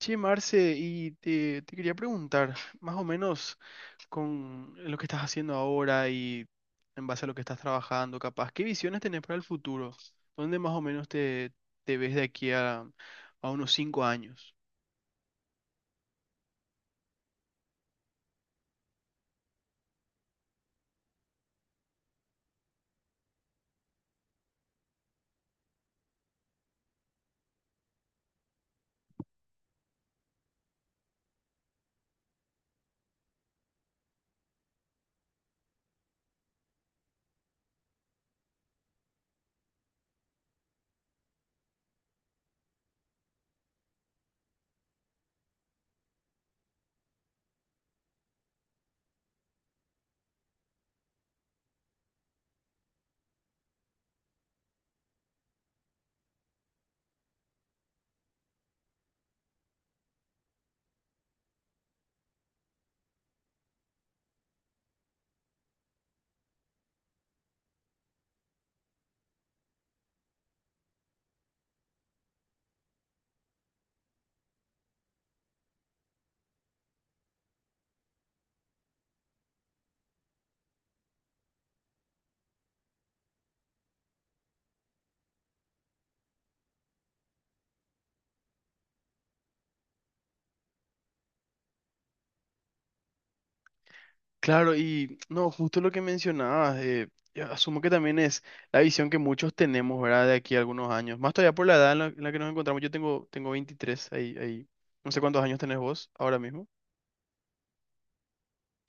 Che, Marce, y te quería preguntar, más o menos con lo que estás haciendo ahora y en base a lo que estás trabajando, capaz, ¿qué visiones tenés para el futuro? ¿Dónde más o menos te ves de aquí a unos cinco años? Claro, y no, justo lo que mencionabas, yo asumo que también es la visión que muchos tenemos, ¿verdad? De aquí a algunos años, más todavía por la edad en la que nos encontramos, yo tengo 23, ahí, no sé cuántos años tenés vos ahora mismo.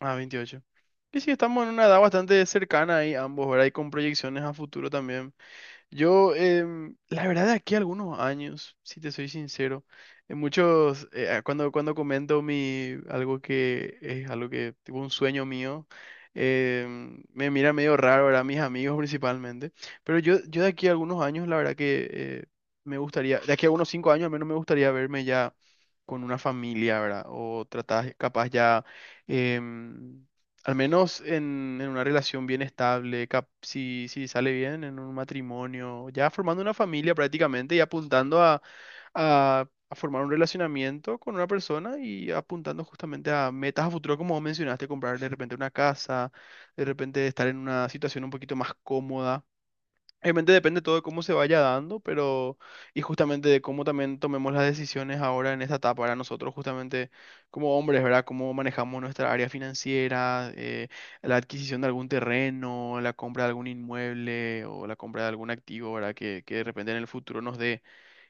Ah, 28. Y sí, estamos en una edad bastante cercana ahí ambos, ¿verdad? Y con proyecciones a futuro también. Yo, la verdad, de aquí a algunos años, si te soy sincero, en muchos, cuando comento algo que es algo que, tipo un sueño mío, me mira medio raro, ¿verdad? Mis amigos principalmente. Pero yo de aquí a algunos años, la verdad que me gustaría, de aquí a unos cinco años al menos me gustaría verme ya con una familia, ¿verdad? O tratar, capaz ya, em, al menos en una relación bien estable, si sale bien en un matrimonio, ya formando una familia prácticamente y apuntando a formar un relacionamiento con una persona y apuntando justamente a metas a futuro, como vos mencionaste, comprar de repente una casa, de repente estar en una situación un poquito más cómoda. Obviamente depende todo de cómo se vaya dando, pero y justamente de cómo también tomemos las decisiones ahora en esta etapa para nosotros, justamente como hombres, ¿verdad? Cómo manejamos nuestra área financiera, la adquisición de algún terreno, la compra de algún inmueble o la compra de algún activo, ¿verdad? Que de repente en el futuro nos dé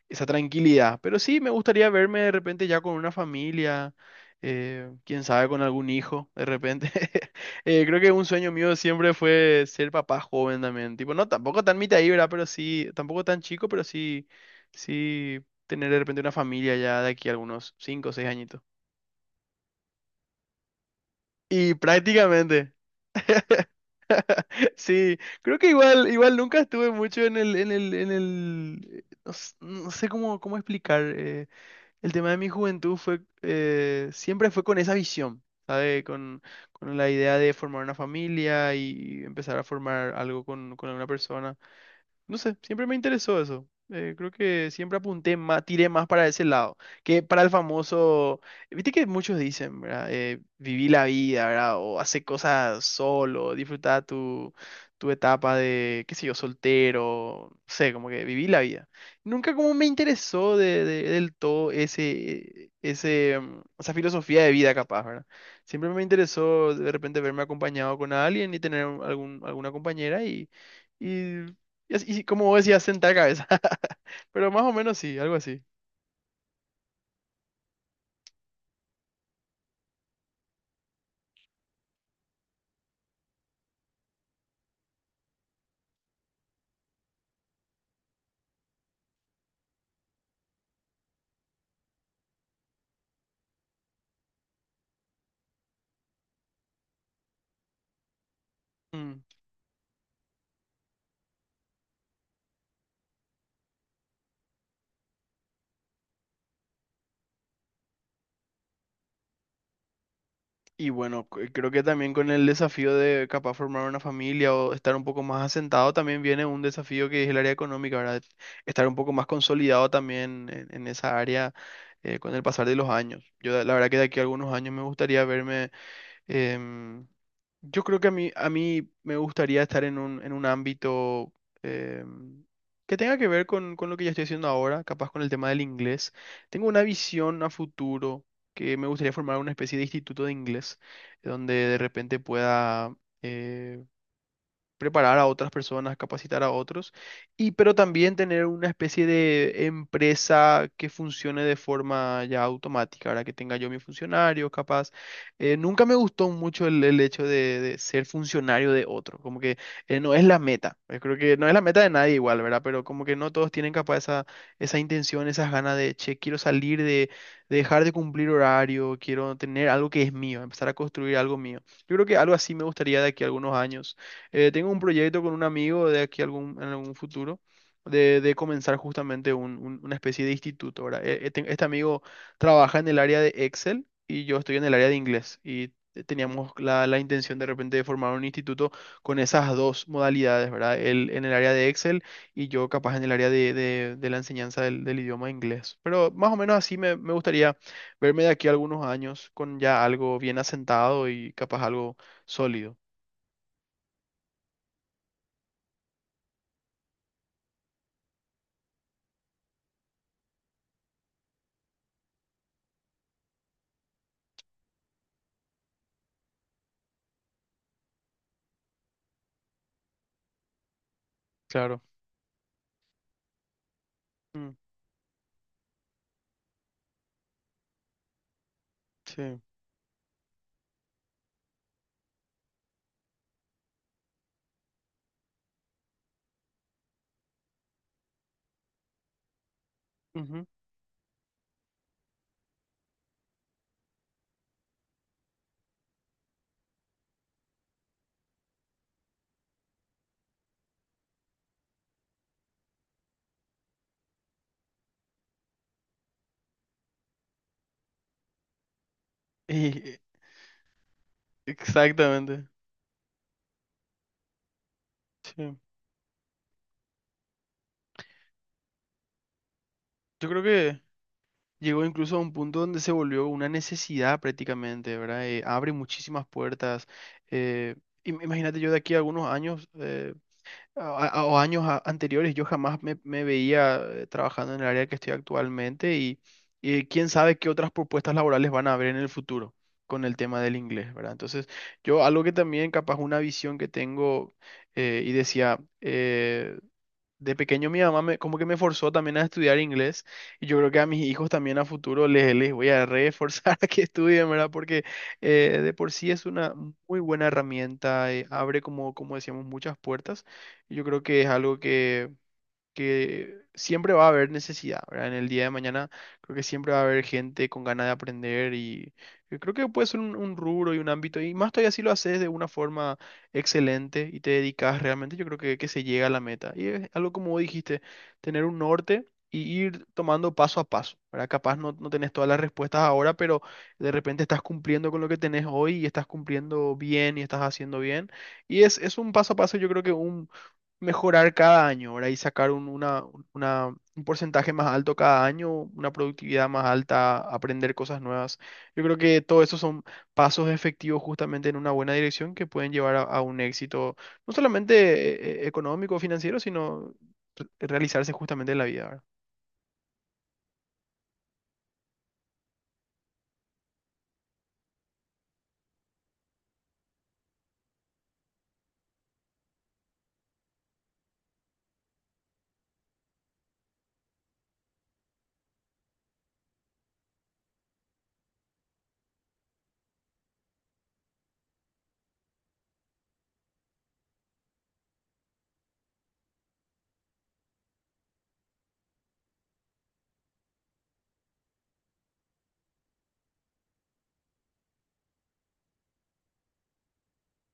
esa tranquilidad. Pero sí, me gustaría verme de repente ya con una familia, quién sabe, con algún hijo, de repente. Creo que un sueño mío siempre fue ser papá joven también. Tipo, no, tampoco tan mitad ibra, pero sí, tampoco tan chico, pero sí tener de repente una familia ya de aquí a algunos cinco o seis añitos. Y prácticamente, sí, creo que igual nunca estuve mucho en el, no, no sé cómo explicar. El tema de mi juventud fue, siempre fue con esa visión, ¿sabe? Con la idea de formar una familia y empezar a formar algo con alguna persona. No sé, siempre me interesó eso. Creo que siempre apunté más, tiré más para ese lado, que para el famoso, viste que muchos dicen, ¿verdad? Viví la vida, ¿verdad? O hace cosas solo, disfrutar tu etapa de, qué sé yo, soltero, no sé, como que viví la vida. Nunca como me interesó del todo ese, esa filosofía de vida capaz, ¿verdad? Siempre me interesó de repente verme acompañado con alguien y tener algún, alguna compañera y... Y, y como vos decías, sentar cabeza. Pero más o menos sí, algo así. Mm. Y bueno, creo que también con el desafío de capaz formar una familia o estar un poco más asentado, también viene un desafío que es el área económica, ¿verdad? Estar un poco más consolidado también en esa área con el pasar de los años. Yo la verdad que de aquí a algunos años me gustaría verme. Em, yo creo que a mí me gustaría estar en en un ámbito em, que tenga que ver con lo que ya estoy haciendo ahora, capaz con el tema del inglés. Tengo una visión a futuro que me gustaría formar una especie de instituto de inglés, donde de repente pueda eh, preparar a otras personas, capacitar a otros, y pero también tener una especie de empresa que funcione de forma ya automática, ahora que tenga yo mis funcionarios, capaz. Nunca me gustó mucho el hecho de ser funcionario de otro, como que no es la meta, yo creo que no es la meta de nadie igual, ¿verdad? Pero como que no todos tienen capaz esa intención, esas ganas de, che, quiero salir de dejar de cumplir horario, quiero tener algo que es mío, empezar a construir algo mío. Yo creo que algo así me gustaría de aquí a algunos años. Tengo un proyecto con un amigo de aquí algún, en algún futuro de comenzar justamente una especie de instituto, ¿verdad? Este amigo trabaja en el área de Excel y yo estoy en el área de inglés y teníamos la intención de repente de formar un instituto con esas dos modalidades, ¿verdad? Él en el área de Excel y yo capaz en el área de la enseñanza del idioma inglés. Pero más o menos así me gustaría verme de aquí a algunos años con ya algo bien asentado y capaz algo sólido. Claro. Sí. Ujú. Y- exactamente. Sí. Yo creo que llegó incluso a un punto donde se volvió una necesidad prácticamente, ¿verdad? Abre muchísimas puertas. eh, imagínate yo de aquí a algunos años o años anteriores, yo jamás me veía trabajando en el área que estoy actualmente y quién sabe qué otras propuestas laborales van a haber en el futuro con el tema del inglés, ¿verdad? Entonces, yo algo que también capaz una visión que tengo y decía... De pequeño mi mamá me, como que me forzó también a estudiar inglés y yo creo que a mis hijos también a futuro les voy a reforzar a que estudien, ¿verdad? Porque de por sí es una muy buena herramienta, abre como, como decíamos muchas puertas y yo creo que es algo que siempre va a haber necesidad, ¿verdad? En el día de mañana creo que siempre va a haber gente con ganas de aprender y yo creo que puede ser un rubro y un ámbito y más todavía si lo haces de una forma excelente y te dedicas realmente, yo creo que se llega a la meta. Y es algo como vos dijiste, tener un norte. Y ir tomando paso a paso, ¿verdad? Capaz no tenés todas las respuestas ahora, pero de repente estás cumpliendo con lo que tenés hoy y estás cumpliendo bien y estás haciendo bien. Es un paso a paso, yo creo que mejorar cada año, ¿verdad? Y sacar un porcentaje más alto cada año, una productividad más alta, aprender cosas nuevas. Yo creo que todo eso son pasos efectivos justamente en una buena dirección que pueden llevar a un éxito, no solamente económico o financiero, sino realizarse justamente en la vida, ¿verdad?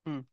Mm.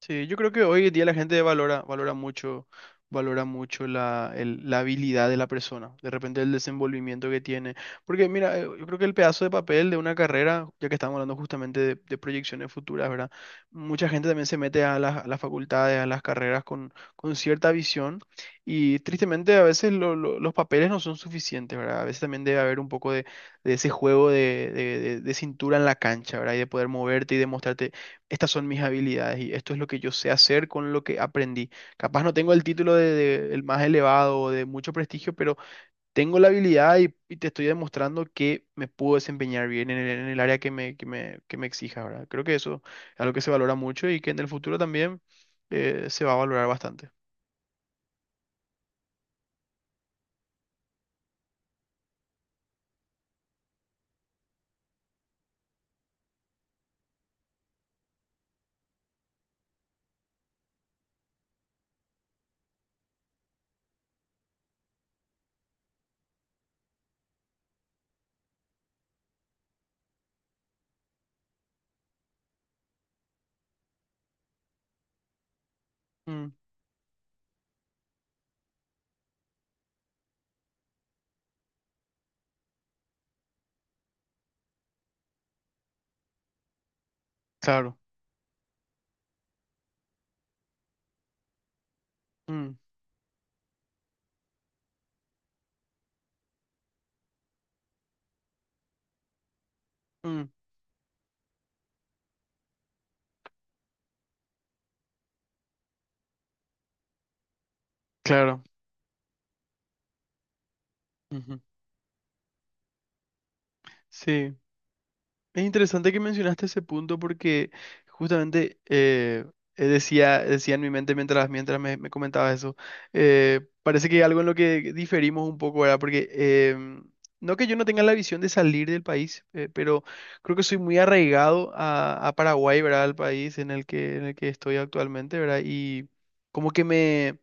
Sí, yo creo que hoy en día la gente valora mucho la habilidad de la persona, de repente el desenvolvimiento que tiene. Porque mira, yo creo que el pedazo de papel de una carrera, ya que estamos hablando justamente de proyecciones futuras, ¿verdad? Mucha gente también se mete a a las facultades, a las carreras con cierta visión y tristemente a veces los papeles no son suficientes, ¿verdad? A veces también debe haber un poco de ese juego de cintura en la cancha, ¿verdad? Y de poder moverte y demostrarte, estas son mis habilidades y esto es lo que yo sé hacer con lo que aprendí. Capaz no tengo el título el más elevado o de mucho prestigio, pero tengo la habilidad y te estoy demostrando que me puedo desempeñar bien en en el área que que me exija, ¿verdad? Creo que eso es algo que se valora mucho y que en el futuro también se va a valorar bastante. Mm, claro. Mm, mm, claro. Ujú. Sí. Es interesante que mencionaste ese punto porque justamente decía, decía en mi mente mientras me comentabas eso, parece que algo en lo que diferimos un poco, ¿verdad? Porque em, no que yo no tenga la visión de salir del país, pero creo que soy muy arraigado a Paraguay, ¿verdad? Al país en el que estoy actualmente, ¿verdad? Y como que me,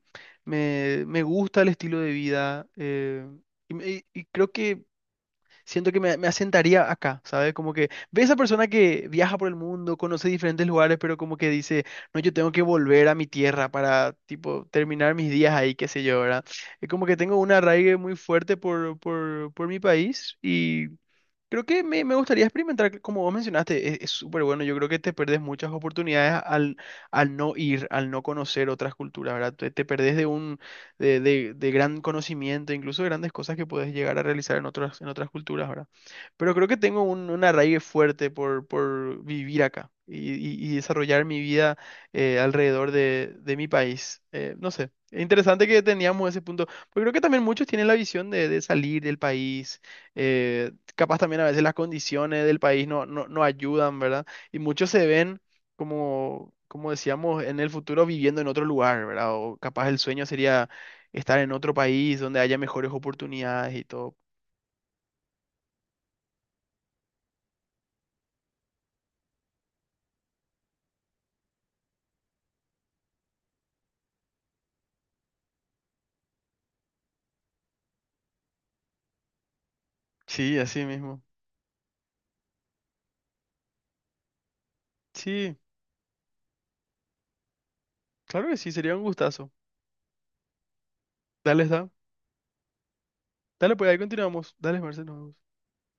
me, me gusta el estilo de vida y creo que siento que me asentaría acá, ¿sabes? Como que ve esa persona que viaja por el mundo, conoce diferentes lugares, pero como que dice, no, yo tengo que volver a mi tierra para, tipo, terminar mis días ahí, qué sé yo, ¿verdad? Es como que tengo un arraigue muy fuerte por mi país y creo que me gustaría experimentar, como vos mencionaste, es súper bueno. Yo creo que te perdés muchas oportunidades al no ir, al no conocer otras culturas, ¿verdad? Te perdés de de gran conocimiento, incluso de grandes cosas que puedes llegar a realizar en en otras culturas, ¿verdad? Pero creo que tengo un arraigo fuerte por vivir acá y desarrollar mi vida alrededor de mi país. No sé, es interesante que teníamos ese punto, porque creo que también muchos tienen la visión de salir del país eh, capaz también a veces las condiciones del país no ayudan, ¿verdad? Y muchos se ven como, como decíamos, en el futuro viviendo en otro lugar, ¿verdad? O capaz el sueño sería estar en otro país donde haya mejores oportunidades y todo. Sí, así mismo. Sí, claro que sí, sería un gustazo. Dale, está. Dale, pues ahí continuamos. Dale, Marcelo.